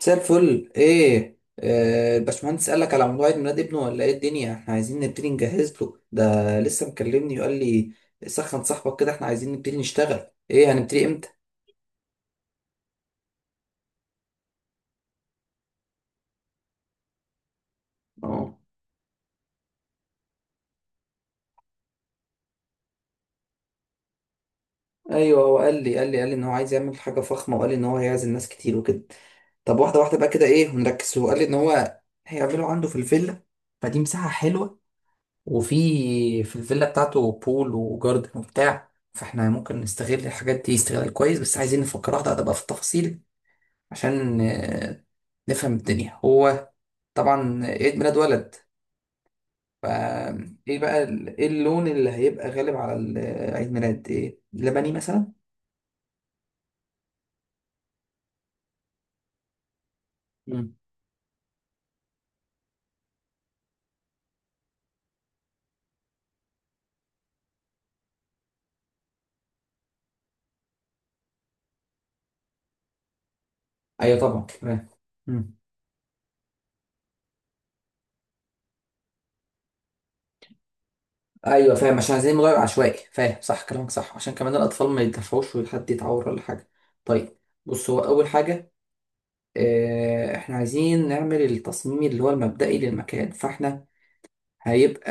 مساء الفل، ايه؟ الباشمهندس قال لك على موضوع عيد ميلاد ابنه ولا ايه الدنيا؟ احنا عايزين نبتدي نجهز له ده. لسه مكلمني وقال لي سخن صاحبك كده، احنا عايزين نبتدي نشتغل. ايه؟ هنبتدي امتى؟ اه. ايوه، هو قال لي ان هو عايز يعمل حاجه فخمه، وقال لي ان هو هيعزم ناس كتير وكده. طب واحده واحده بقى كده، ايه؟ ونركز. هو قال لي ان هو هيعمله عنده في الفيلا، فدي مساحه حلوه. وفي في الفيلا بتاعته بول وجاردن وبتاع، فاحنا ممكن نستغل الحاجات دي استغلال كويس، بس عايزين نفكر واحده واحده بقى في التفاصيل عشان نفهم الدنيا. هو طبعا عيد ميلاد ولد، فايه بقى ايه اللون اللي هيبقى غالب على عيد ميلاد؟ ايه؟ لبني مثلا. مم. ايوه طبعا فاهم. مم. ايوه فاهم، عشان عايزين نغير عشوائي، فاهم؟ صح كلامك صح، عشان كمان الاطفال ما يتدفعوش وحد يتعور ولا حاجه. طيب. بص، هو اول حاجه احنا عايزين نعمل التصميم اللي هو المبدئي للمكان. فاحنا هيبقى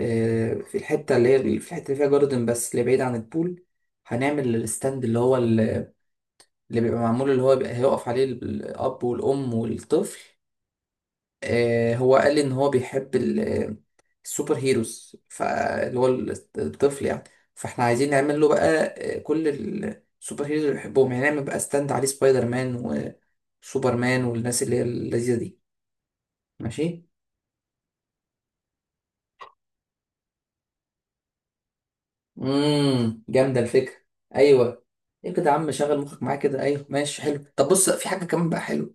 في الحتة اللي فيها جاردن بس، اللي بعيد عن البول، هنعمل الستاند اللي هو اللي بيبقى معمول، اللي هو بيبقى هيقف عليه الأب والأم والطفل. هو قال لي إن هو بيحب السوبر هيروز، فاللي هو الطفل يعني. فاحنا عايزين نعمل له بقى كل السوبر هيروز اللي بيحبهم، يعني نعمل بقى ستاند عليه سبايدر مان وسوبر مان والناس اللي هي اللذيذة دي. ماشي. جامده الفكره. ايوه. ايه كده يا عم، شغل مخك معايا كده. ايوه ماشي حلو. طب بص، في حاجه كمان بقى حلوه.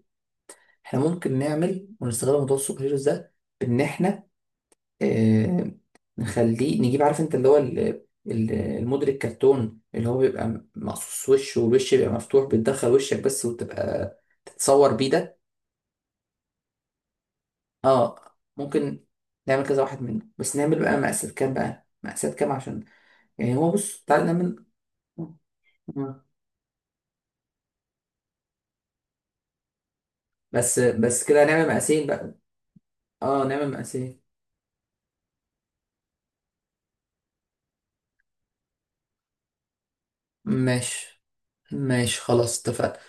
احنا ممكن نعمل ونستغل موضوع السوبر هيروز ده، بان احنا آه نخليه، نجيب، عارف انت، اللي هو الموديل الكرتون اللي هو بيبقى مقصوص وش، والوش بيبقى مفتوح، بتدخل وشك بس وتبقى تتصور بيه ده. اه. ممكن نعمل كذا واحد منه، بس نعمل بقى مقاسات كام، بقى مقاسات كام، عشان يعني هو، بص تعالى نعمل. بس كده، هنعمل مقاسين بقى. اه نعمة مقاسية. ماشي ماشي، خلاص اتفقنا.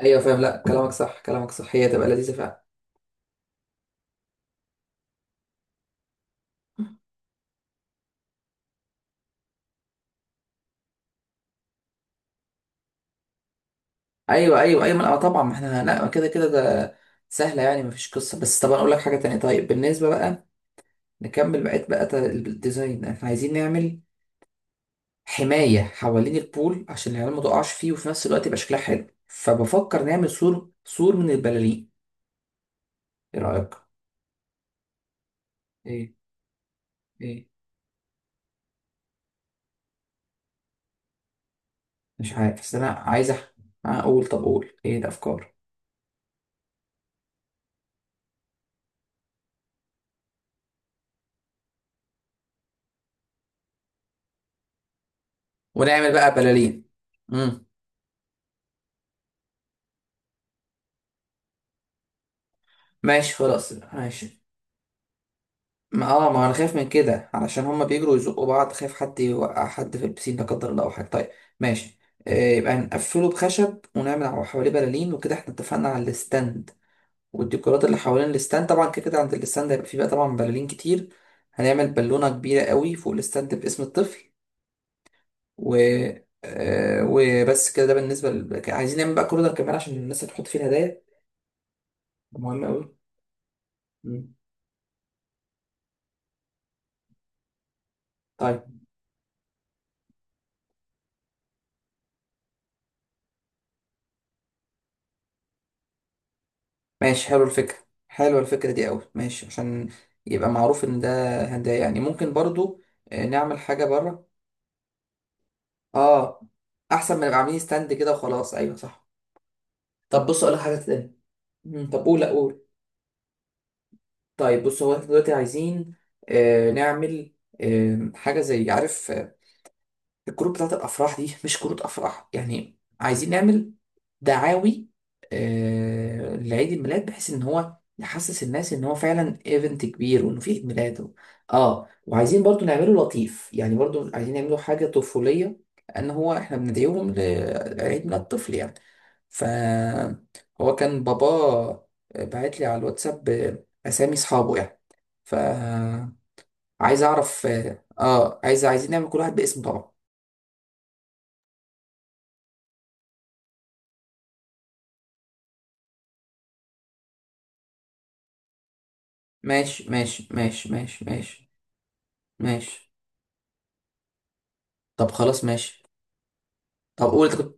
ايوه فاهم، لا كلامك صح، كلامك صح، هي تبقى لذيذة فعلا. ايوه ايوه ايوه، لا طبعا، ما احنا لا كده كده ده سهلة يعني، مفيش قصة. بس طبعا اقول لك حاجة تانية. طيب بالنسبة بقى، نكمل بقية بقى الديزاين. احنا عايزين نعمل حماية حوالين البول عشان العيال ما تقعش فيه، وفي نفس الوقت يبقى شكلها حلو، فبفكر نعمل سور، سور من البلالين. ايه رأيك؟ ايه؟ ايه؟ مش عارف، بس انا عايز اقول. طب قول، ايه الافكار؟ ونعمل بقى بلالين. امم، ماشي خلاص ماشي. ما ما انا خايف من كده، علشان هما بيجروا يزقوا بعض، خايف حد يوقع حد في البسين لا قدر الله او حاجه. طيب ماشي. يبقى نقفله بخشب ونعمل حواليه بلالين وكده. احنا اتفقنا على الستاند والديكورات اللي حوالين الستاند. طبعا كده كده عند الستاند هيبقى فيه بقى طبعا بلالين كتير. هنعمل بالونه كبيره قوي فوق الستاند باسم الطفل. و آه، وبس كده. ده بالنسبه ل... عايزين نعمل بقى كورنر كمان عشان الناس اللي تحط فيه الهدايا. مهم قوي. طيب ماشي، حلو الفكرة، حلوة الفكرة دي قوي، ماشي، عشان يبقى معروف ان ده هدايا، يعني ممكن برضو نعمل حاجة بره. اه، احسن ما نبقى عاملين ستاند كده وخلاص، ايوه صح. طب بص، اقول لك حاجة تانية. طب قول، لا قول. طيب بص، هو احنا دلوقتي عايزين نعمل حاجة زي، عارف، الكروت بتاعت الافراح دي، مش كروت افراح يعني، عايزين نعمل دعاوي لعيد الميلاد، بحيث ان هو يحسس الناس ان هو فعلا ايفنت كبير، وانه في عيد ميلاد اه، وعايزين برضو نعمله لطيف، يعني برضو عايزين نعمله حاجه طفوليه، لان هو احنا بندعيهم لعيد ميلاد طفل يعني. ف هو كان بابا بعت لي على الواتساب اسامي اصحابه يعني، فعايز اعرف. عايزين نعمل كل واحد باسم طبعا. ماشي ماشي ماشي ماشي ماشي ماشي. طب خلاص ماشي. طب قول انت كنت.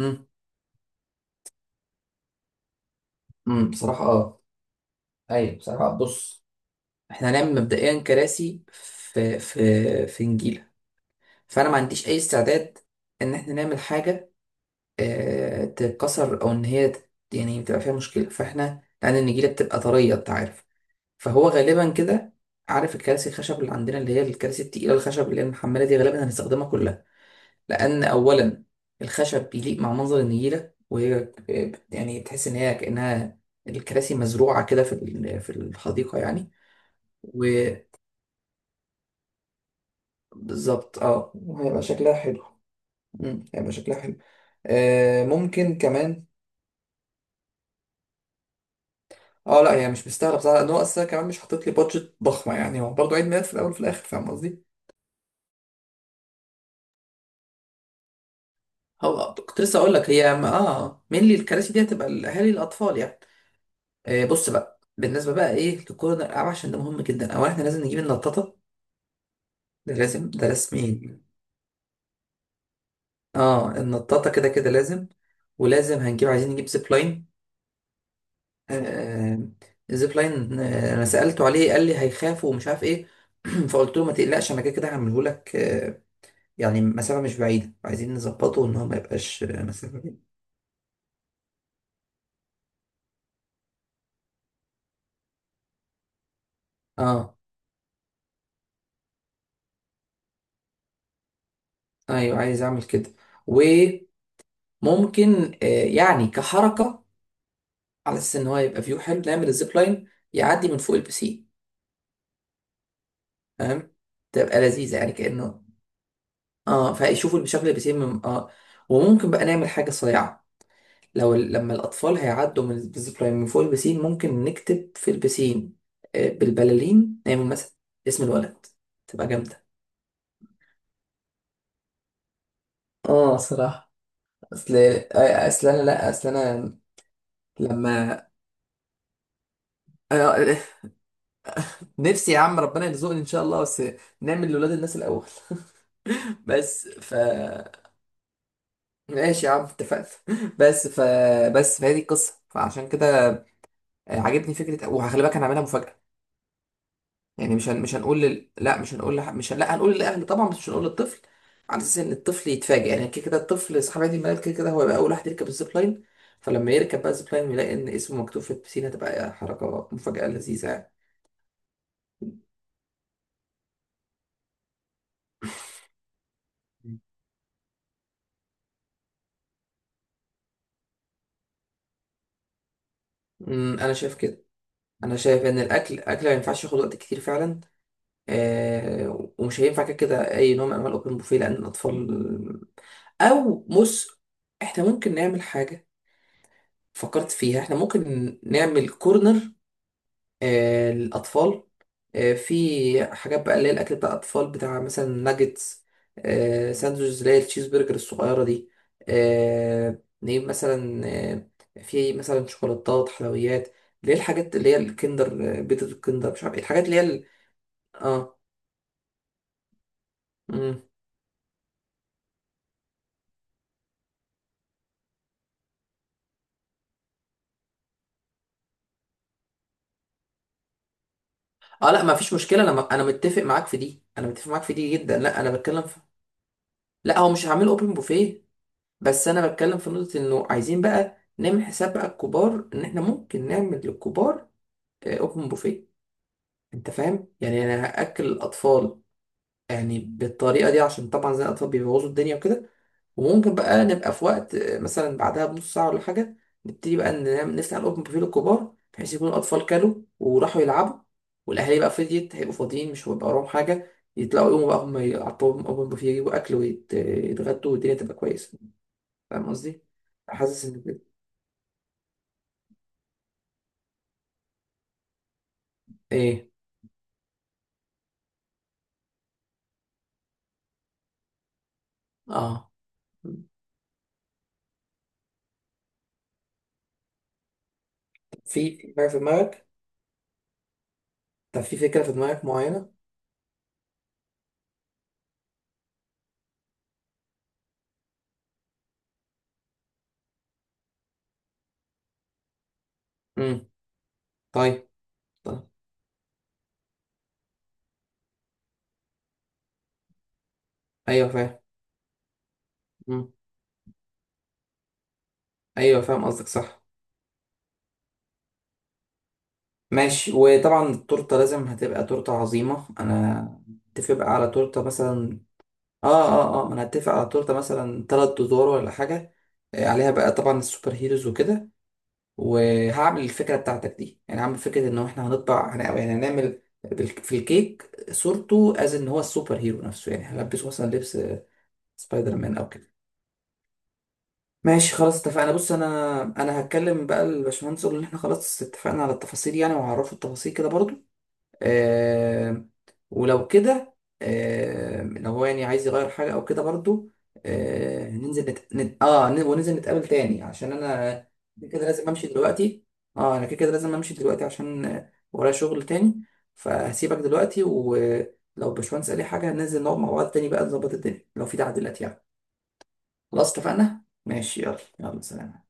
امم بصراحة، اه، ايوه بصراحة. بص احنا هنعمل مبدئيا كراسي في في في نجيلة، فانا ما عنديش اي استعداد ان احنا نعمل حاجة اه تتكسر، او ان هي يعني تبقى فيها مشكلة، فاحنا لان النجيلة بتبقى طرية انت عارف. فهو غالبا كده، عارف الكراسي الخشب اللي عندنا، اللي هي الكراسي التقيلة الخشب اللي هي المحملة دي، غالبا هنستخدمها كلها. لأن أولا الخشب بيليق مع منظر النجيلة، وهي يعني تحس إن هي كأنها الكراسي مزروعة كده في الحديقة يعني. وبالظبط. اه، وهيبقى شكلها حلو. هيبقى شكلها حلو. ممكن كمان. اه، لا هي مش مستاهلة بصراحة، لأن هو أصلا كمان مش حاطط لي بادجت ضخمة يعني، هو برضه عيد ميلاد في الأول وفي الآخر، فاهم قصدي؟ هو كنت لسه أقول لك هي مين الكراسي دي هتبقى؟ الأهالي الأطفال يعني. بص بقى، بالنسبة بقى إيه لكورنر الألعاب، عشان ده مهم جدا. أولا إحنا لازم نجيب النطاطة، ده لازم، ده لازم ايه، اه النطاطة كده كده لازم. ولازم هنجيب، عايزين نجيب زيب لاين. آه الزيب لاين، انا سألته عليه قال لي هيخاف ومش عارف ايه. فقلت له ما تقلقش، انا كده كده هعمله لك. يعني مسافة مش بعيدة، عايزين نظبطه ان هو ما يبقاش مسافة بعيدة. اه ايوه عايز اعمل كده. وممكن يعني كحركة، على اساس ان هو يبقى فيو حلو، نعمل الزيب لاين يعدي من فوق البسين. فاهم؟ تبقى لذيذة يعني، كأنه اه فيشوفوا المشاكل اللي بتتم وممكن بقى نعمل حاجه صريعه، لو لما الاطفال هيعدوا من الزيب لاين من فوق البسين، ممكن نكتب في البسين بالبلالين، نعمل مثلا اسم الولد، تبقى جامده. اه صراحة، اصل اصل انا، لا اصل انا، لما انا نفسي يا عم ربنا يرزقني ان شاء الله، بس نعمل لولاد الناس الاول. بس ماشي يا عم اتفقنا. بس ف بس فهذه القصة، فعشان كده عجبني فكرة، وهخلي بالك انا هعملها مفاجأة. يعني مش هنقول لا مش هنقول مش هن... لا، هنقول للاهل طبعا بس مش هنقول للطفل. على اساس ان الطفل يتفاجئ يعني، كده كده الطفل صاحب عيد الميلاد كده كده هو يبقى اول واحد يركب الزيب لاين، فلما يركب بقى الزيب لاين ويلاقي ان اسمه مكتوب في البسين، هتبقى حركه مفاجاه لذيذه يعني. انا شايف كده. انا شايف ان الاكل ما ينفعش ياخد وقت كتير فعلا. ومش هينفع كده كده اي نوع من انواع الاوبن بوفيه لان الاطفال. او بص، احنا ممكن نعمل حاجه، فكرت فيها، احنا ممكن نعمل كورنر للأطفال. في حاجات بقى اللي هي الأكل بتاع الأطفال، بتاع مثلا ناجتس، ساندوتشز اللي هي التشيز برجر الصغيرة دي. نجيب مثلا، في مثلا شوكولاتات حلويات، اللي هي الحاجات اللي هي الكندر، بيتزا الكندر، مش عارف إيه، الحاجات اللي هي اه مم. اه، لا ما فيش مشكلة، انا انا متفق معاك في دي، انا متفق معاك في دي جدا. لا انا بتكلم في. لا هو مش هعمله اوبن بوفيه. بس انا بتكلم في نقطة، انه عايزين بقى نعمل حساب بقى الكبار ان احنا ممكن نعمل للكبار اوبن بوفيه، انت فاهم؟ يعني انا هاكل الاطفال يعني بالطريقه دي، عشان طبعا زي الاطفال بيبوظوا الدنيا وكده، وممكن بقى نبقى في وقت مثلا بعدها بنص ساعه ولا حاجه، نبتدي بقى نفتح الاوبن بوفيه للكبار، بحيث يكون الاطفال كلوا وراحوا يلعبوا، والاهالي بقى فضيت هيبقوا فاضيين، مش هيبقى وراهم حاجه، يطلعوا يقوموا بقى هم يعطوهم اوبن بوفيه، يجيبوا اكل ويتغدوا، والدنيا تبقى كويسه، فاهم قصدي؟ حاسس ان كده. ايه؟ اه في حاجه في دماغك؟ طب في فكره في دماغك معينه؟ امم طيب طيب. ايوه فاهم. مم. ايوه فاهم قصدك صح. ماشي. وطبعا التورته لازم هتبقى تورته عظيمه، انا اتفق بقى على تورته مثلا. اه ما انا اتفق على تورته مثلا تلات ادوار ولا حاجه. عليها بقى طبعا السوبر هيروز وكده، وهعمل الفكره بتاعتك دي. يعني هعمل فكره ان احنا هنطبع يعني هنعمل في الكيك صورته، از ان هو السوبر هيرو نفسه يعني، هلبسه مثلا لبس سبايدر مان او كده. ماشي خلاص اتفقنا. بص انا هتكلم بقى الباشمهندس، اقول ان احنا خلاص اتفقنا على التفاصيل يعني، وهعرفه التفاصيل كده برضو. آه ولو كده، لو هو يعني عايز يغير حاجه او كده برضو، ننزل وننزل نتقابل تاني، عشان انا كده كده لازم امشي دلوقتي. اه انا كده كده لازم امشي دلوقتي، عشان ورايا شغل تاني، فهسيبك دلوقتي. ولو الباشمهندس قال لي حاجه، هننزل نقعد مع بعض تاني بقى نظبط الدنيا لو في تعديلات يعني. خلاص اتفقنا ماشي، يلا يلا سلام.